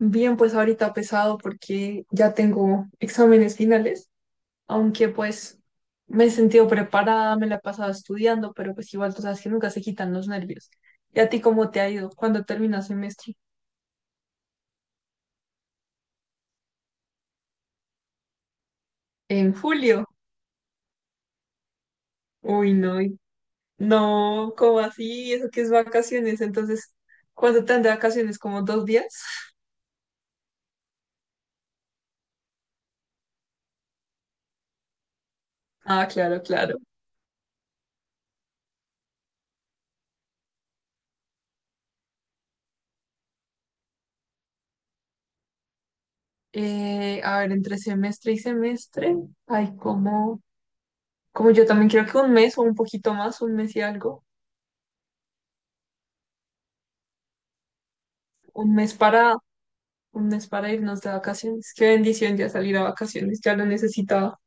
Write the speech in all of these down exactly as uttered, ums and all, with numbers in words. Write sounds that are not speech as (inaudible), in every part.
Bien, pues ahorita pesado porque ya tengo exámenes finales, aunque pues me he sentido preparada, me la he pasado estudiando, pero pues igual tú sabes que nunca se quitan los nervios. ¿Y a ti cómo te ha ido? ¿Cuándo terminas semestre? En julio. Uy, no, y- no, ¿cómo así? ¿Eso que es vacaciones? Entonces, ¿cuánto te dan de vacaciones? ¿Como dos días? (laughs) Ah, claro, claro. Eh, a ver, entre semestre y semestre hay como, como yo también creo que un mes o un poquito más, un mes y algo. Un mes para, un mes para irnos de vacaciones. Qué bendición ya salir a vacaciones, ya lo necesitaba.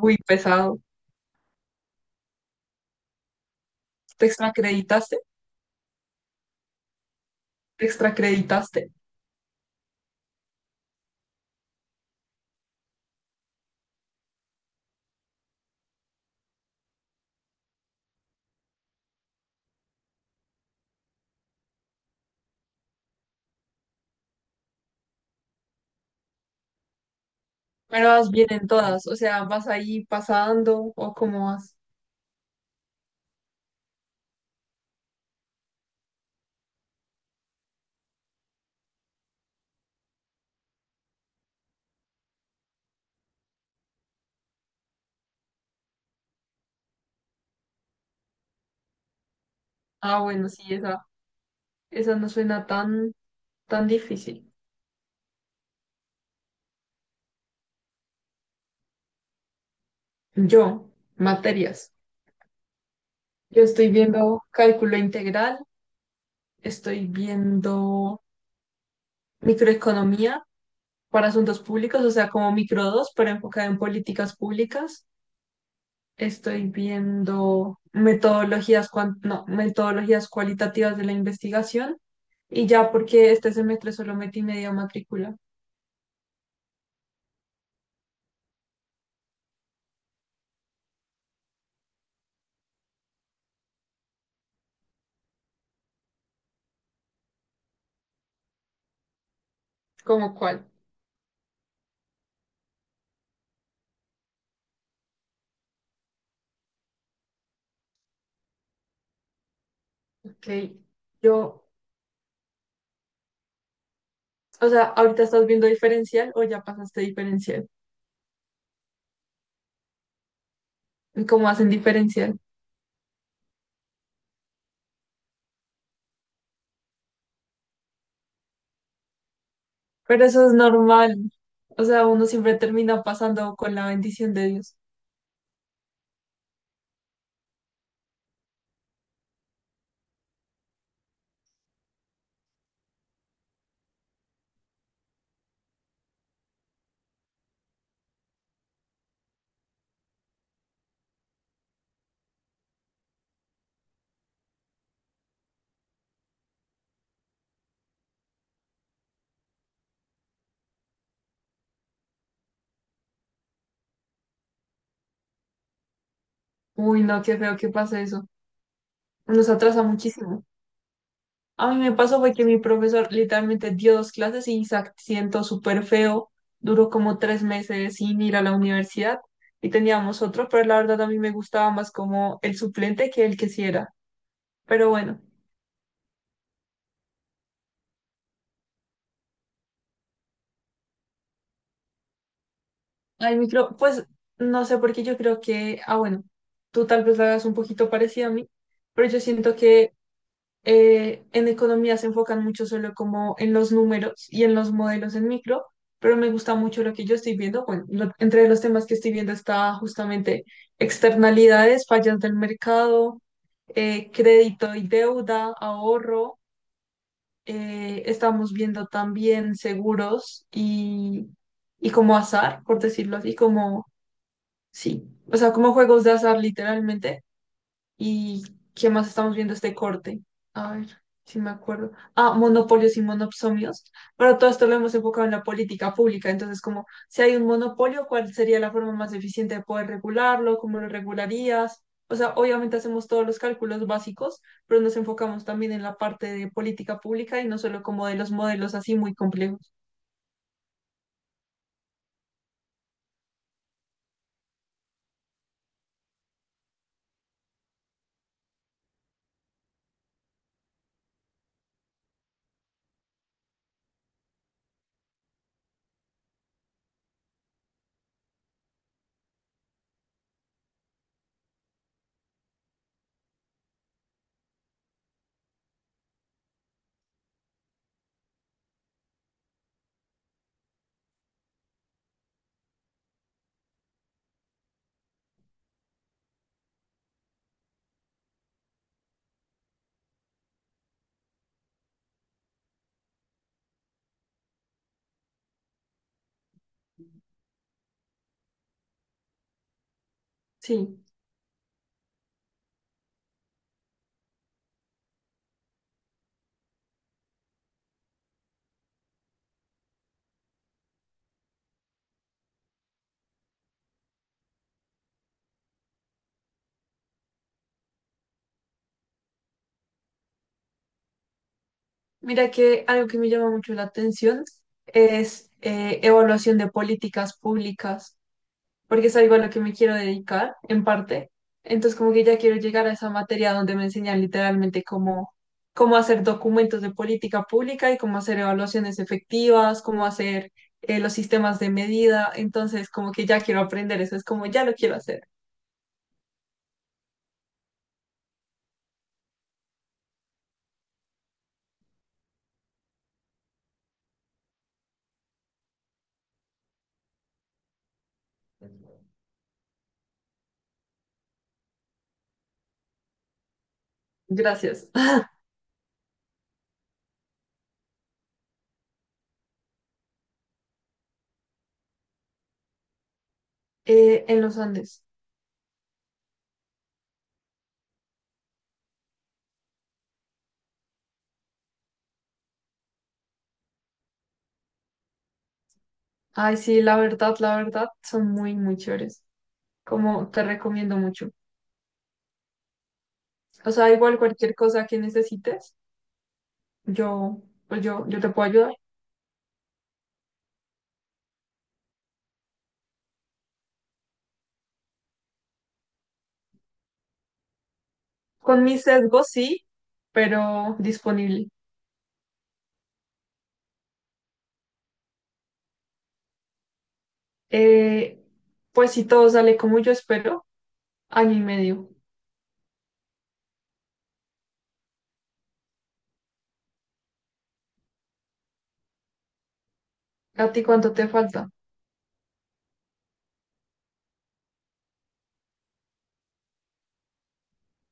Muy pesado. ¿Te extracreditaste? ¿Te extracreditaste? Pero vas bien en todas, o sea, vas ahí pasando o cómo vas. Ah, bueno, sí, esa, esa no suena tan, tan difícil. Yo, materias. Yo estoy viendo cálculo integral, estoy viendo microeconomía para asuntos públicos, o sea, como micro dos pero enfocada en políticas públicas. Estoy viendo metodologías, cuan- no, metodologías cualitativas de la investigación y ya porque este semestre solo metí media matrícula. ¿Cómo cuál? Ok. Yo, o sea, ahorita estás viendo diferencial o ya pasaste diferencial. ¿Y ¿Cómo hacen diferencial? Pero eso es normal. O sea, uno siempre termina pasando con la bendición de Dios. Uy, no, qué feo que pase eso. Nos atrasa muchísimo. A mí me pasó fue que mi profesor literalmente dio dos clases y se siento súper feo. Duró como tres meses sin ir a la universidad y teníamos otro, pero la verdad a mí me gustaba más como el suplente que el que sí era. Pero bueno, al micro, pues no sé por qué yo creo que, ah, bueno, tú tal vez lo hagas un poquito parecido a mí, pero yo siento que eh, en economía se enfocan mucho solo como en los números y en los modelos en micro, pero me gusta mucho lo que yo estoy viendo. Bueno, lo- entre los temas que estoy viendo está justamente externalidades, fallas del mercado, eh, crédito y deuda, ahorro. Eh, estamos viendo también seguros y, y como azar, por decirlo así, como, sí, o sea, como juegos de azar literalmente. ¿Y qué más estamos viendo este corte? A ver, si me acuerdo. Ah, monopolios y monopsonios. Pero todo esto lo hemos enfocado en la política pública. Entonces, como si hay un monopolio, ¿cuál sería la forma más eficiente de poder regularlo? ¿Cómo lo regularías? O sea, obviamente hacemos todos los cálculos básicos, pero nos enfocamos también en la parte de política pública y no solo como de los modelos así muy complejos. Sí. Mira que algo que me llama mucho la atención es eh, evaluación de políticas públicas, porque es algo a lo que me quiero dedicar, en parte. Entonces, como que ya quiero llegar a esa materia donde me enseñan literalmente cómo, cómo hacer documentos de política pública y cómo hacer evaluaciones efectivas, cómo hacer eh, los sistemas de medida. Entonces, como que ya quiero aprender eso, es como ya lo quiero hacer. Gracias. (laughs) Eh, en los Andes. Ay, sí, la verdad, la verdad, son muy, muy chéveres. Como te recomiendo mucho. O sea, igual cualquier cosa que necesites, yo, pues yo, yo te puedo ayudar. Con mis sesgos sí, pero disponible. Eh, pues si todo sale como yo espero, año y medio. ¿A ti cuánto te falta?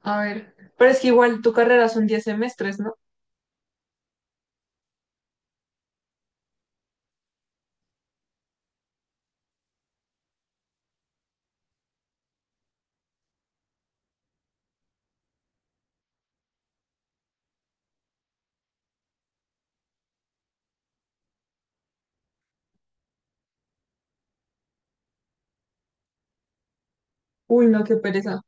A ver, pero es que igual tu carrera son diez semestres, ¿no? Uy, no, qué pereza.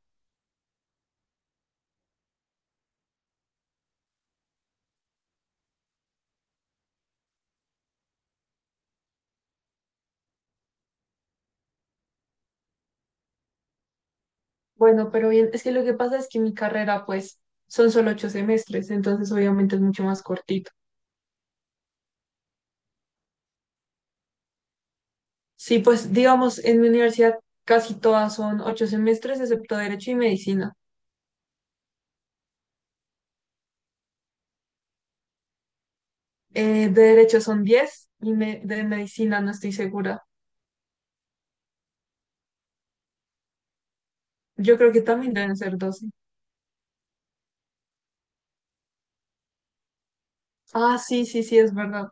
Bueno, pero bien, es que lo que pasa es que mi carrera, pues, son solo ocho semestres, entonces obviamente es mucho más cortito. Sí, pues, digamos, en mi universidad casi todas son ocho semestres, excepto Derecho y Medicina. Eh, de Derecho son diez y me- de Medicina no estoy segura. Yo creo que también deben ser doce. Ah, sí, sí, sí, es verdad.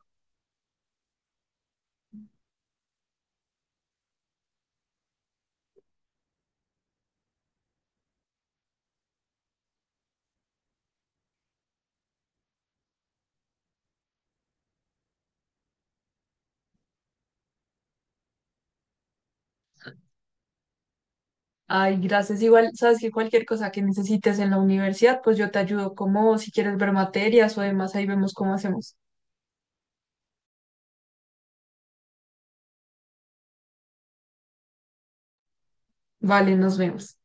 Ay, gracias. Igual, sabes que cualquier cosa que necesites en la universidad, pues yo te ayudo como si quieres ver materias o demás, ahí vemos cómo hacemos. Vale, nos vemos.